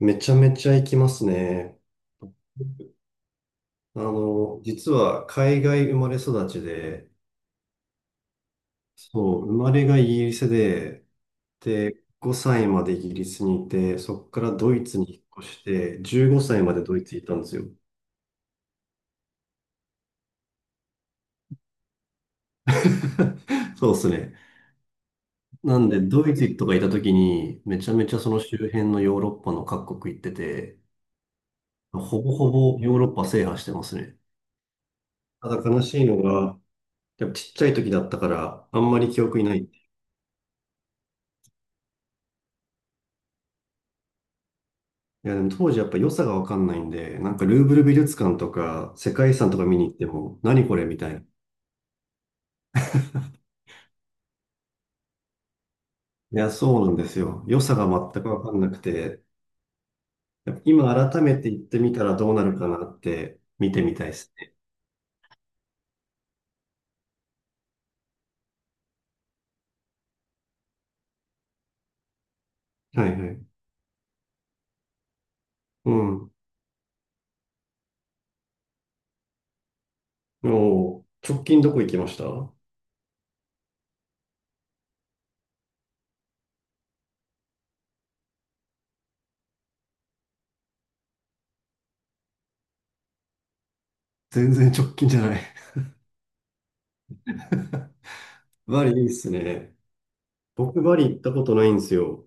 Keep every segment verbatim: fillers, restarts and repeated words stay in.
めちゃめちゃ行きますね。あの、実は海外生まれ育ちで、そう、生まれがイギリスで、で、ごさいまでイギリスにいて、そこからドイツに引っ越して、じゅうごさいまでドイツにいたんですよ。そうですね。なんで、ドイツとかいた時に、めちゃめちゃその周辺のヨーロッパの各国行ってて、ほぼほぼヨーロッパ制覇してますね。ただ悲しいのが、やっぱちっちゃい時だったから、あんまり記憶にない。いや、でも当時やっぱ良さがわかんないんで、なんかルーブル美術館とか世界遺産とか見に行っても、何これみたいな。いや、そうなんですよ。良さが全くわかんなくて、やっぱ今改めて行ってみたらどうなるかなって見てみたいですね。はいはい。うん。もう、直近どこ行きました？全然直近じゃない。バリいいっすね。僕バリ行ったことないんですよ。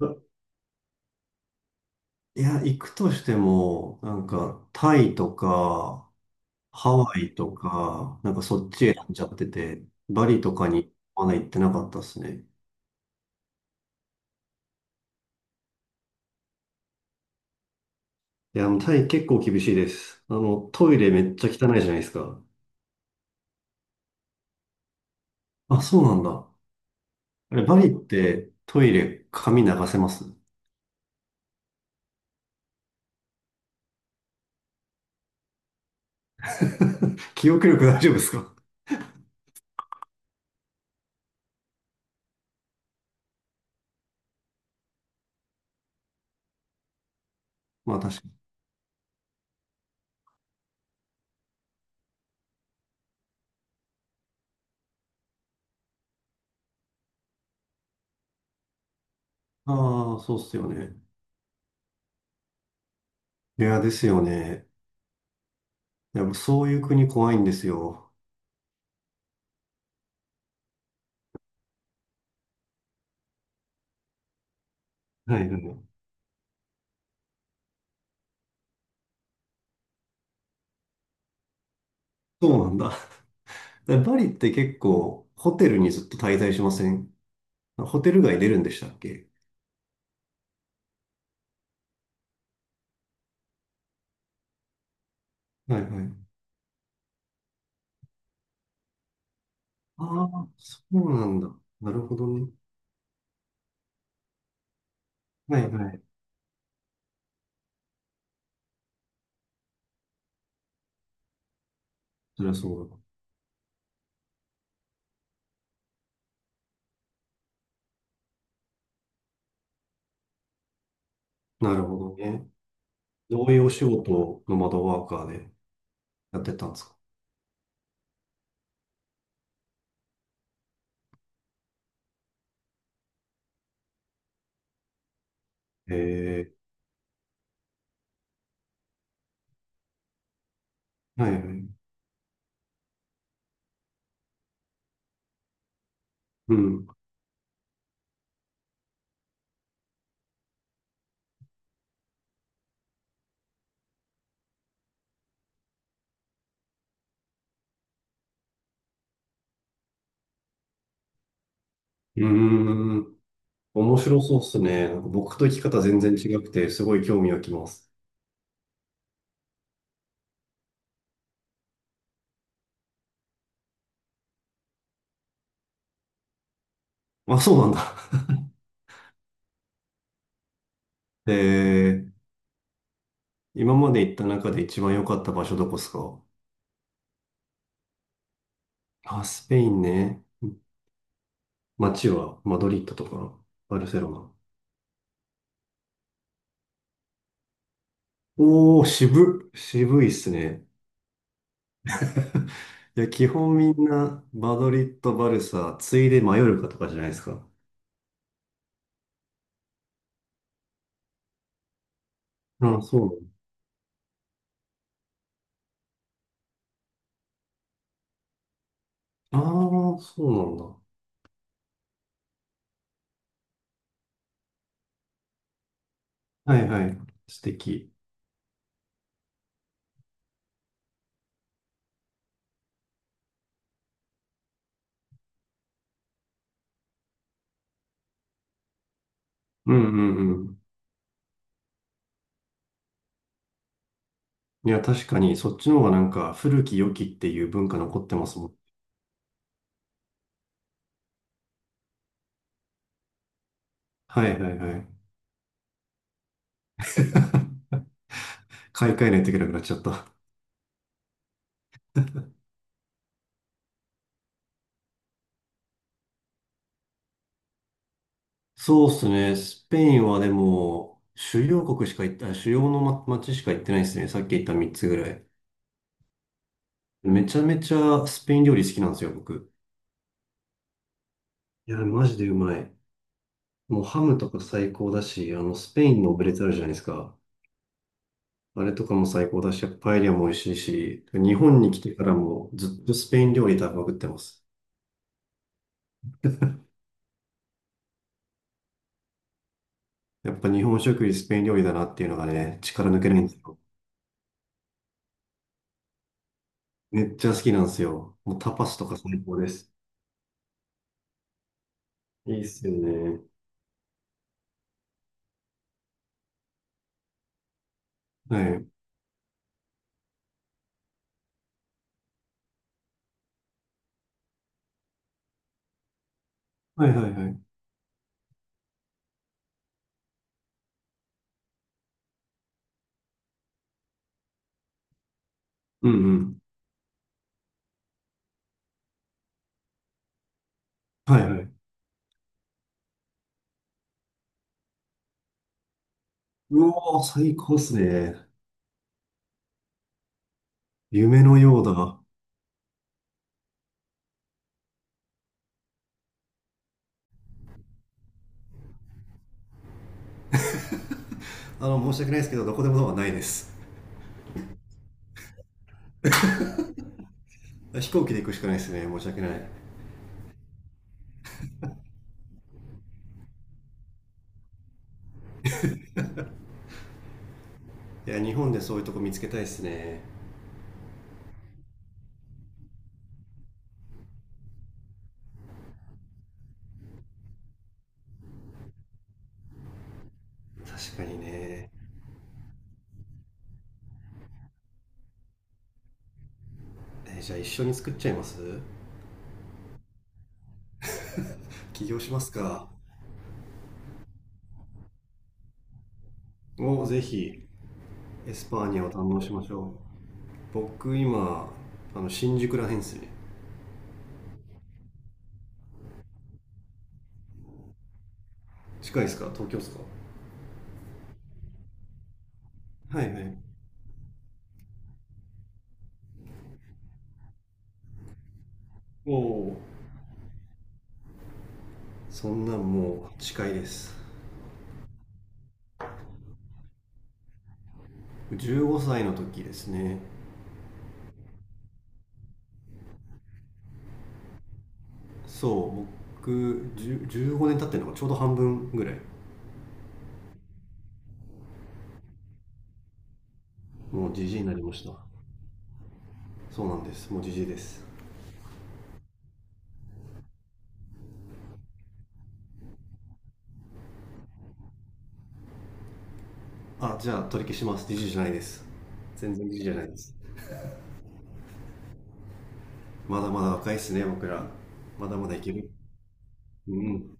あ、いや、行くとしても、なんかタイとか、ハワイとか、なんかそっちへんじゃってて、バリとかにまだ行ってなかったですね。いや、もうタイ結構厳しいです。あの、トイレめっちゃ汚いじゃないですか。あ、そうなんだ。あれ、バリってトイレ髪流せます？ 記憶力大丈夫ですか？まあ確かに。ああ、そうっすよね。いや、ですよね。やっぱそういう国怖いんですよ。はいはい。そうなんだ。で、バリって結構ホテルにずっと滞在しません？ホテル街出るんでしたっけ？はいはい。ああ、そうなんだ。なるほどね。はいはい。そりゃそうだ。なるほどね。どういうお仕事の窓ワーカーでやってたんですか？ええ、はいはい。うん。うーん。面白そうっすね。なんか僕と生き方全然違くて、すごい興味がきます。あ、そうなんだ。ええ、今まで行った中で一番良かった場所どこっすか？あ、スペインね。街はマドリッドとかバルセロナ？おー、渋っ。渋いっすね。いや、基本みんな、バドリッド、バルサ、ついでマヨルカとかじゃないですか。ああ、そうなんだ。ああ、そうなんだ。はいはい。素敵。うんうんうん。いや、確かに、そっちの方がなんか、古き良きっていう文化残ってますもん。はいはいはい。買い替えないといけなくなっちゃった。そうっすね。スペインはでも、主要国しか行った、主要のま街しか行ってないですね。さっき言ったみっつぐらい。めちゃめちゃスペイン料理好きなんですよ、僕。いや、マジでうまい。もうハムとか最高だし、あの、スペインのオムレツあるじゃないですか。あれとかも最高だし、パエリアも美味しいし、日本に来てからもずっとスペイン料理食べまくってます。やっぱ日本食よりスペイン料理だなっていうのがね、力抜けないんですよ。めっちゃ好きなんですよ。もうタパスとか最高です。いいっすよね。はい。はいはいはい。うんうん。はいはい。うおー、最高っすね。夢のようだ。あの、申し訳ないですけど、どこでもドアないです。飛行機で行くしかないですね。申し訳ない。いや、日本でそういうとこ見つけたいですね。確かにね。えーじゃあ一緒に作っちゃいます？起業しますか？もうぜひ。エスパーニャを堪能しましょう。僕今あの新宿らへんですね。近いですか？東京ですか？はいはい。おお。そんなんもう近いです。じゅうごさいの時ですね。そう、僕いち ごねん経ってるのがちょうど半分ぐらい。もうじじいになりました。そうなんです、もうじじいです。あ、じゃあ取り消します、にじゅうじゅうじゃないです。全然にじゅうじゅうじゃないです。まだまだ若いっすね、僕ら。まだまだいける。うん。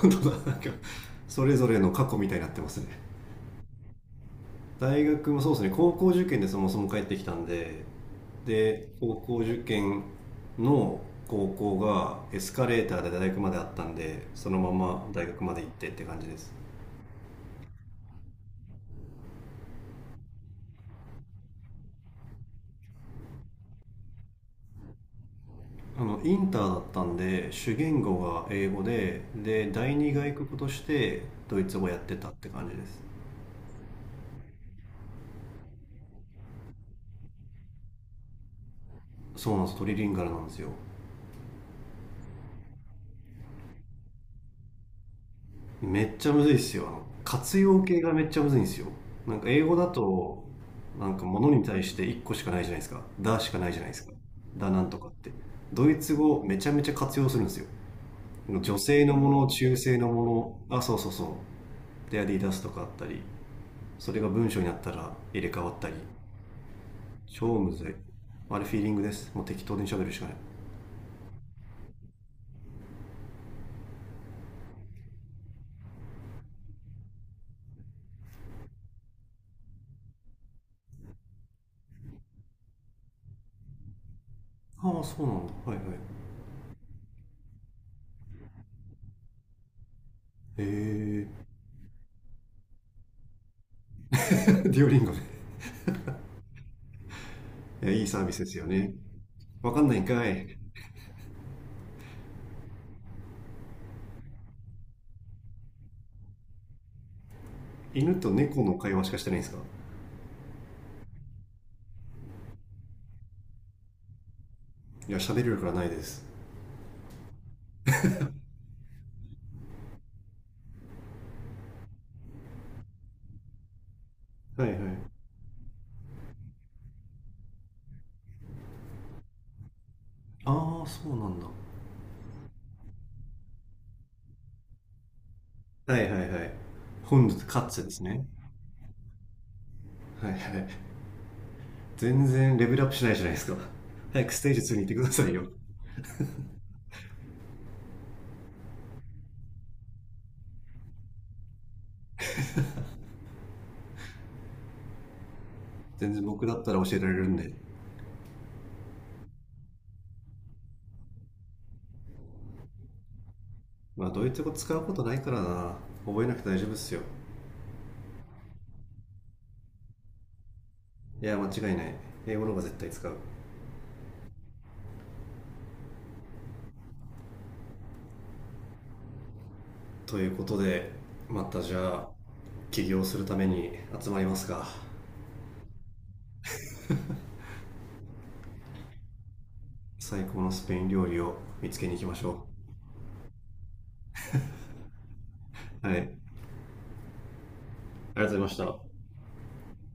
本当だ。なんかそれぞれの過去みたいになってますね。大学もそうですね。高校受験でそもそも帰ってきたんで。で、高校受験の高校がエスカレーターで大学まであったんで、そのまま大学まで行ってって感じです。あのインターだったんで、主言語が英語で、で第二外国としてドイツ語やってたって感じです。そうなんです、トリリンガルなんですよ。めっちゃむずいっすよ。あの活用形がめっちゃむずいんですよ。なんか英語だと、なんか物に対していっこしかないじゃないですか。「だ」しかないじゃないですか、「だなんとか」って。ドイツ語めちゃめちゃ活用するんですよ。女性のもの、中性のもの、あ、そうそうそう。で、アディダスとかあったり、それが文章になったら入れ替わったり。超むずい。あれ、フィーリングです。もう適当に喋るしかない。ああ、そうなんだ。はいはい。へえ。 デュオリンゴね。いや、いいサービスですよね。わかんないんかい。犬と猫の会話しかしてないんですか？いや、喋る力はないです。はいはい。ああ、そうなんだ。はいはいはい。本日、カッツですね。はいはい。全然レベルアップしないじゃないですか。早くステージツーに行ってくださいよ。全然僕だったら教えられるんで。まあ、ドイツ語使うことないからな。覚えなくて大丈夫っすよ。いや、間違いない。英語の方が絶対使う。ということで、またじゃあ、起業するために集まりますか。最高のスペイン料理を見つけに行きましょう。はい。ありがとうございました。